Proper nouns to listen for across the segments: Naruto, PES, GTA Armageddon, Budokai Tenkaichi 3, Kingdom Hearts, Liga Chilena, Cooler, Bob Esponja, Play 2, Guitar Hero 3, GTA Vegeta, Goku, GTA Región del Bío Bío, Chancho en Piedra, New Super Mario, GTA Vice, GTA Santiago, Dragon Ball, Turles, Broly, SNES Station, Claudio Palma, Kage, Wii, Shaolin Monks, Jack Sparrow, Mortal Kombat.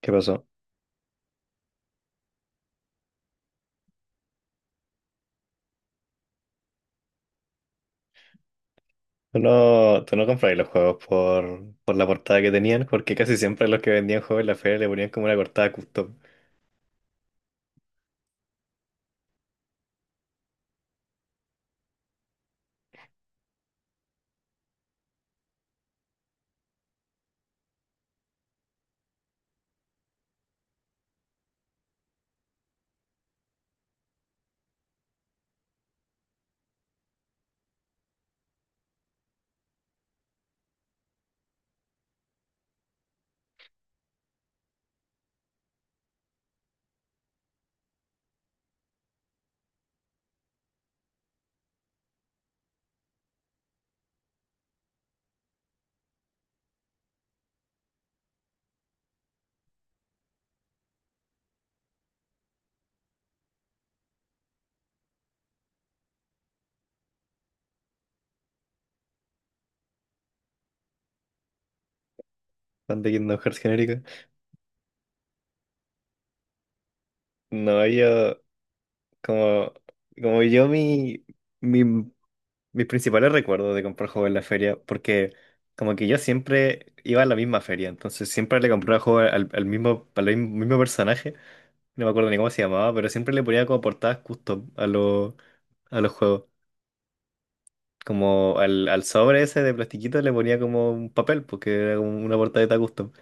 ¿Qué pasó? ¿Tú no compráis los juegos por la portada que tenían? Porque casi siempre los que vendían juegos en la feria le ponían como una portada custom. Fan de Kingdom Hearts genérica. No, yo, como, como yo, mi- mis principales recuerdos de comprar juegos en la feria, porque como que yo siempre iba a la misma feria, entonces siempre le compraba juegos al mismo personaje, no me acuerdo ni cómo se llamaba, pero siempre le ponía como portadas custom a los juegos. Como al sobre ese de plastiquito le ponía como un papel, porque era como una portadita custom.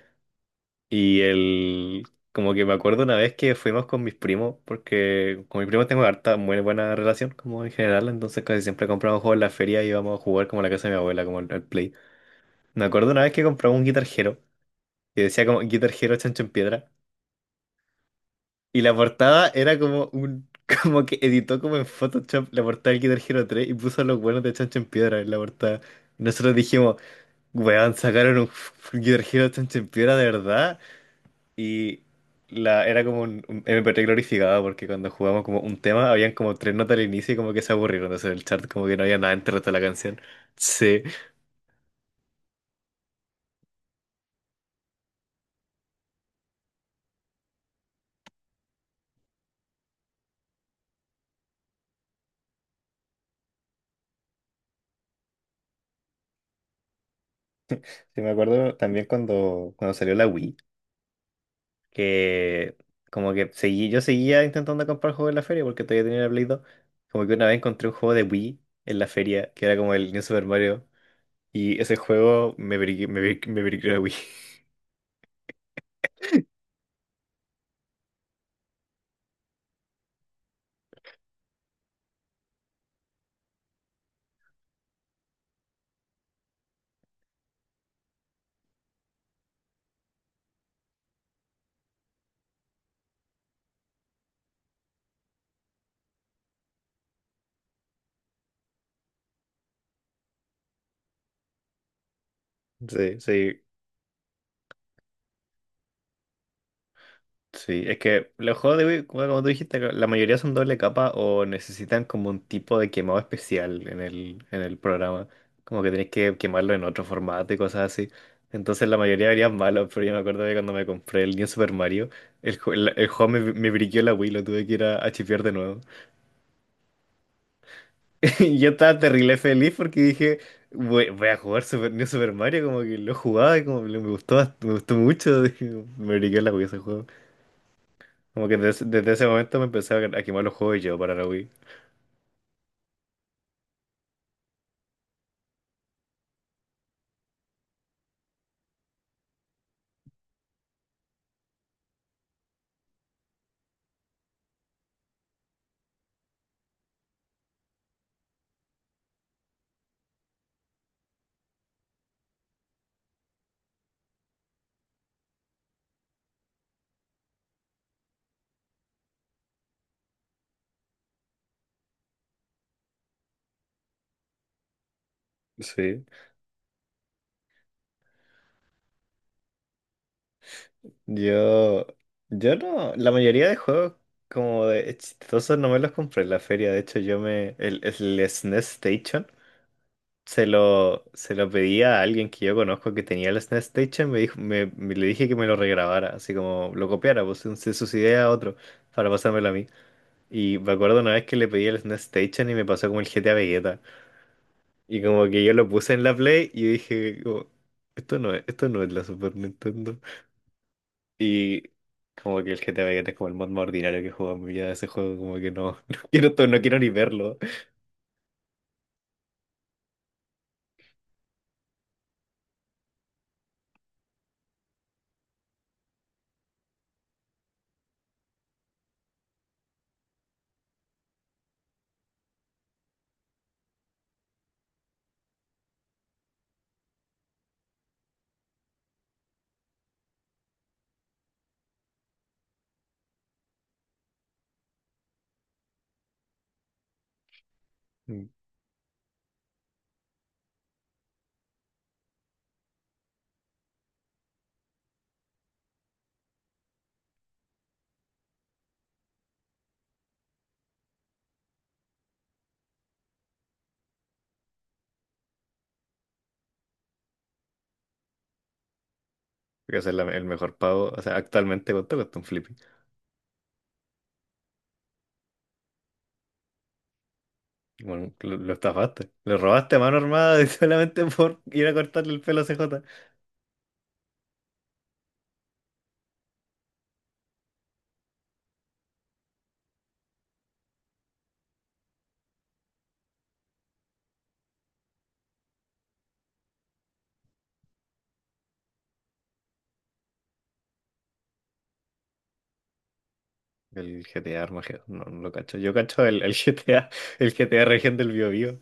Y el, como que me acuerdo una vez que fuimos con mis primos, porque con mis primos tengo muy buena relación, como en general, entonces casi siempre compramos juegos en la feria y íbamos a jugar como a la casa de mi abuela, como al Play. Me acuerdo una vez que compramos un Guitar Hero, que decía como Guitar Hero Chancho en Piedra, y la portada era como un... Como que editó como en Photoshop la portada del Guitar Hero 3 y puso los buenos de Chancho en Piedra en la portada. Nosotros dijimos, weón, sacaron un Guitar Hero Piedra de verdad y era como un MP3 glorificado, porque cuando jugamos como un tema habían como tres notas al inicio y como que se aburrieron, entonces en el chat como que no había nada entre el resto de la canción. Sí, sí me acuerdo también cuando salió la Wii, que como que seguí, yo seguía intentando comprar juegos en la feria porque todavía tenía la Play 2. Como que una vez encontré un juego de Wii en la feria que era como el New Super Mario y ese juego me briqué, me briqué, me briqué la Wii. Sí, sí, sí, es que los juegos de Wii, como como tú dijiste, la mayoría son doble capa o necesitan como un tipo de quemado especial en el programa. Como que tenés que quemarlo en otro formato y cosas así. Entonces la mayoría verían malos, pero yo me acuerdo que cuando me compré el New Super Mario, el juego me briqueó la Wii, lo tuve que ir a chipear de nuevo. Y yo estaba terrible feliz porque dije, voy a jugar Super, New Super Mario, como que lo jugaba y como me gustó, me gustó mucho, me briqueó la Wii ese. Como que ese momento me empecé a quemar los juegos yo para la Wii. Sí. Yo. Yo no. La mayoría de juegos como de chistosos no me los compré en la feria. De hecho, yo me. El SNES Station se lo pedí a alguien que yo conozco que tenía el SNES Station. Me dijo, le dije que me lo regrabara, así como lo copiara, pues sus ideas a otro para pasármelo a mí. Y me acuerdo una vez que le pedí el SNES Station y me pasó como el GTA Vegeta. Y como que yo lo puse en la Play y dije, como, esto no es la Super Nintendo. Y como que el GTA Vice es como el mod más ordinario que he jugado en mi vida. Ese juego como que no, no quiero, no quiero ni verlo. Mm. Porque ese es el mejor pago. O sea, actualmente, ¿cuánto cuesta un Flippy? Bueno, lo estafaste. Lo robaste a mano armada solamente por ir a cortarle el pelo a CJ. El GTA Armageddon, no, no lo cacho. Yo cacho el GTA Región del Bío Bío.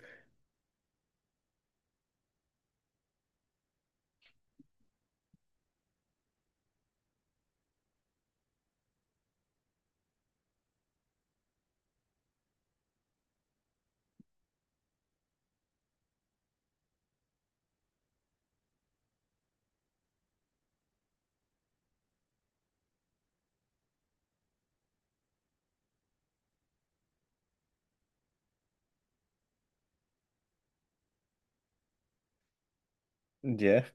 Ya,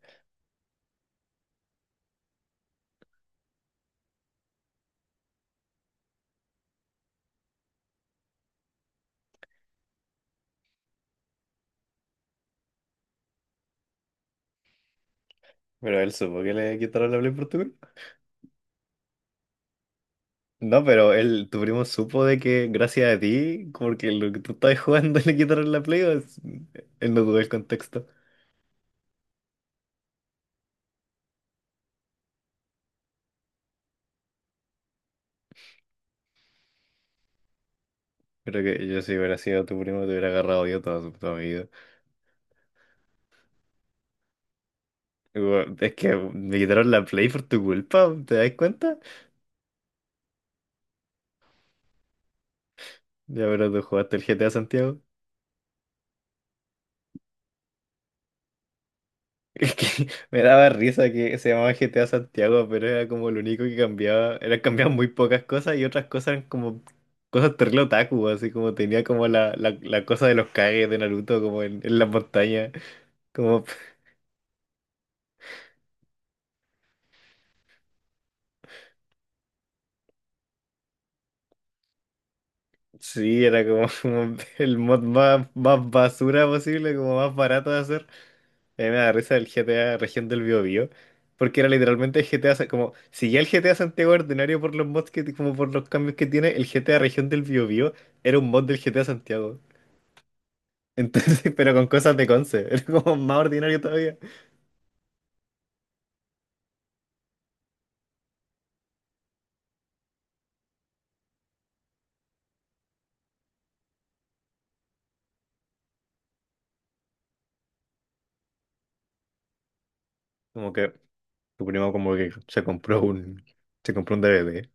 pero él supo que le quitaron la Play por tu... No, pero él, tu primo supo de que gracias a ti, porque lo que tú estabas jugando le quitaron la play, o él no tuvo el contexto. Creo que yo si hubiera sido tu primo te hubiera agarrado yo toda mi vida. Igual, es que me quitaron la play por tu culpa, ¿te das cuenta? Ya, pero tú jugaste el GTA Santiago. Es que me daba risa que se llamaba GTA Santiago, pero era como lo único que cambiaba. Era, cambiaban muy pocas cosas y otras cosas eran como cosas terrible otaku, así como tenía como la cosa de los Kage de Naruto, como en las montañas. Como, sí, era como, como el mod más basura posible, como más barato de hacer. A mí me da risa el GTA Región del Biobío, porque era literalmente el GTA, como, si ya el GTA Santiago era ordinario por los mods que, como por los cambios que tiene, el GTA Región del Biobío era un mod del GTA Santiago. Entonces, pero con cosas de Conce, era como más ordinario todavía. Como que tu primo como que se se compró un DVD.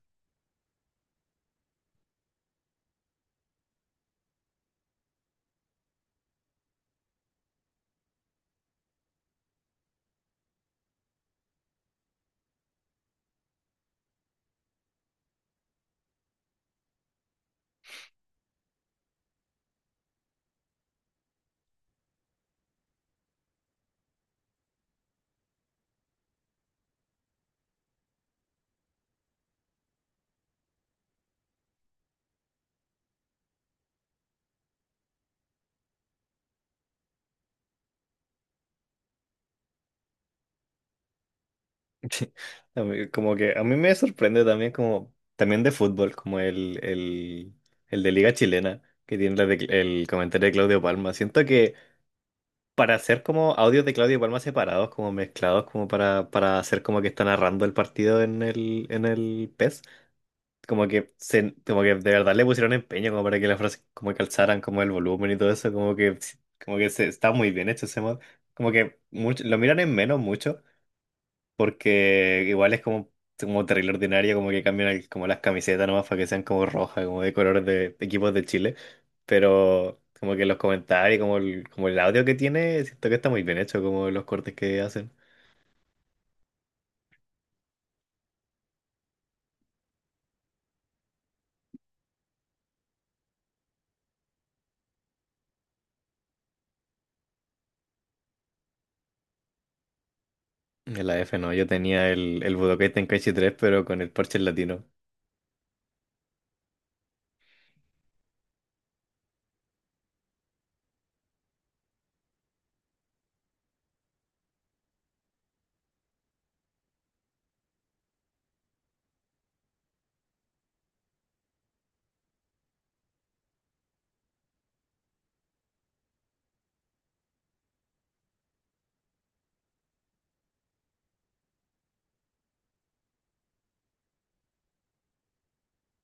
A mí... Como que a mí me sorprende también como, también de fútbol, como el de Liga Chilena, que tiene el comentario de Claudio Palma. Siento que para hacer como audios de Claudio Palma separados, como mezclados, como para hacer como que está narrando el partido en el PES. Como que se, como que de verdad le pusieron empeño como para que las frases como que alzaran como el volumen y todo eso, como que está muy bien hecho ese mod. Como que mucho, lo miran en menos mucho, porque igual es como, como terrible ordinaria como que cambian como las camisetas nomás para que sean como rojas, como de colores de equipos de Chile, pero como que los comentarios, como el audio que tiene, siento que está muy bien hecho, como los cortes que hacen. En la F, no, yo tenía el Budokai Tenkaichi 3 pero con el parche en latino.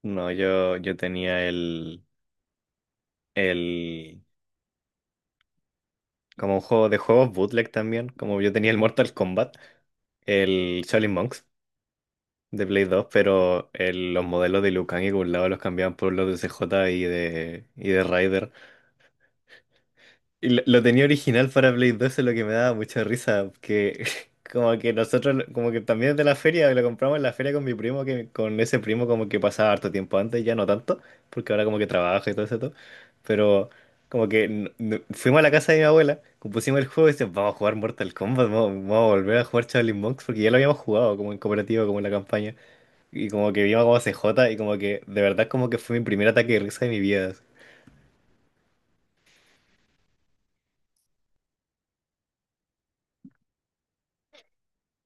No, yo tenía el, como un juego de juegos bootleg también, como yo tenía el Mortal Kombat, el Shaolin Monks de Play 2, pero los modelos de lucan y Kung los cambiaban por los de CJ y de Ryder. Y lo tenía original para Play 2, eso es lo que me daba mucha risa, que como que nosotros, como que también es de la feria, lo compramos en la feria con mi primo, que con ese primo como que pasaba harto tiempo antes, ya no tanto, porque ahora como que trabaja y todo eso, todo. Pero... Como que fuimos a la casa de mi abuela, compusimos el juego y decíamos vamos a jugar Mortal Kombat, vamos a volver a jugar Charlie Monks, porque ya lo habíamos jugado como en cooperativa, como en la campaña. Y como que vimos como CJ y como que de verdad como que fue mi primer ataque de risa de mi vida.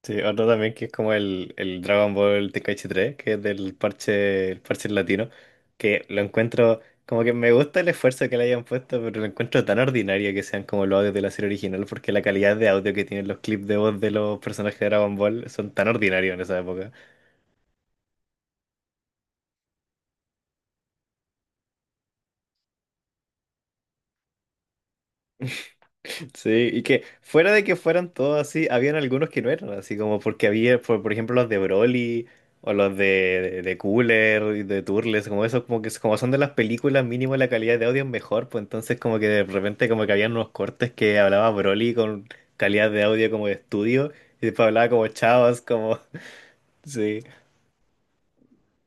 Sí, otro también que es como el Dragon Ball TKH 3 que es del parche, el parche en latino, que lo encuentro, como que me gusta el esfuerzo que le hayan puesto, pero lo encuentro tan ordinario que sean como los audios de la serie original, porque la calidad de audio que tienen los clips de voz de los personajes de Dragon Ball son tan ordinarios en esa época. Sí, y que fuera de que fueran todos así, habían algunos que no eran así, como porque había, por ejemplo, los de Broly o los de Cooler y de Turles, como esos, como que como son de las películas, mínimo la calidad de audio es mejor, pues entonces como que de repente como que habían unos cortes que hablaba Broly con calidad de audio como de estudio y después hablaba como chavas, como... Sí,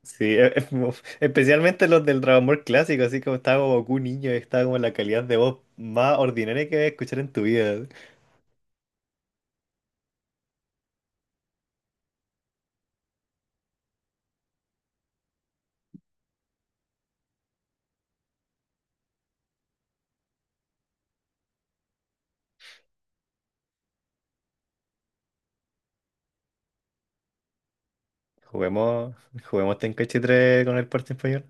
sí, especialmente los del Dragon Ball clásico, así como estaba como Goku niño, y estaba como la calidad de voz más ordinaria que vas a escuchar en tu vida. Juguemos, juguemos Tenkaichi 3 con el parte español.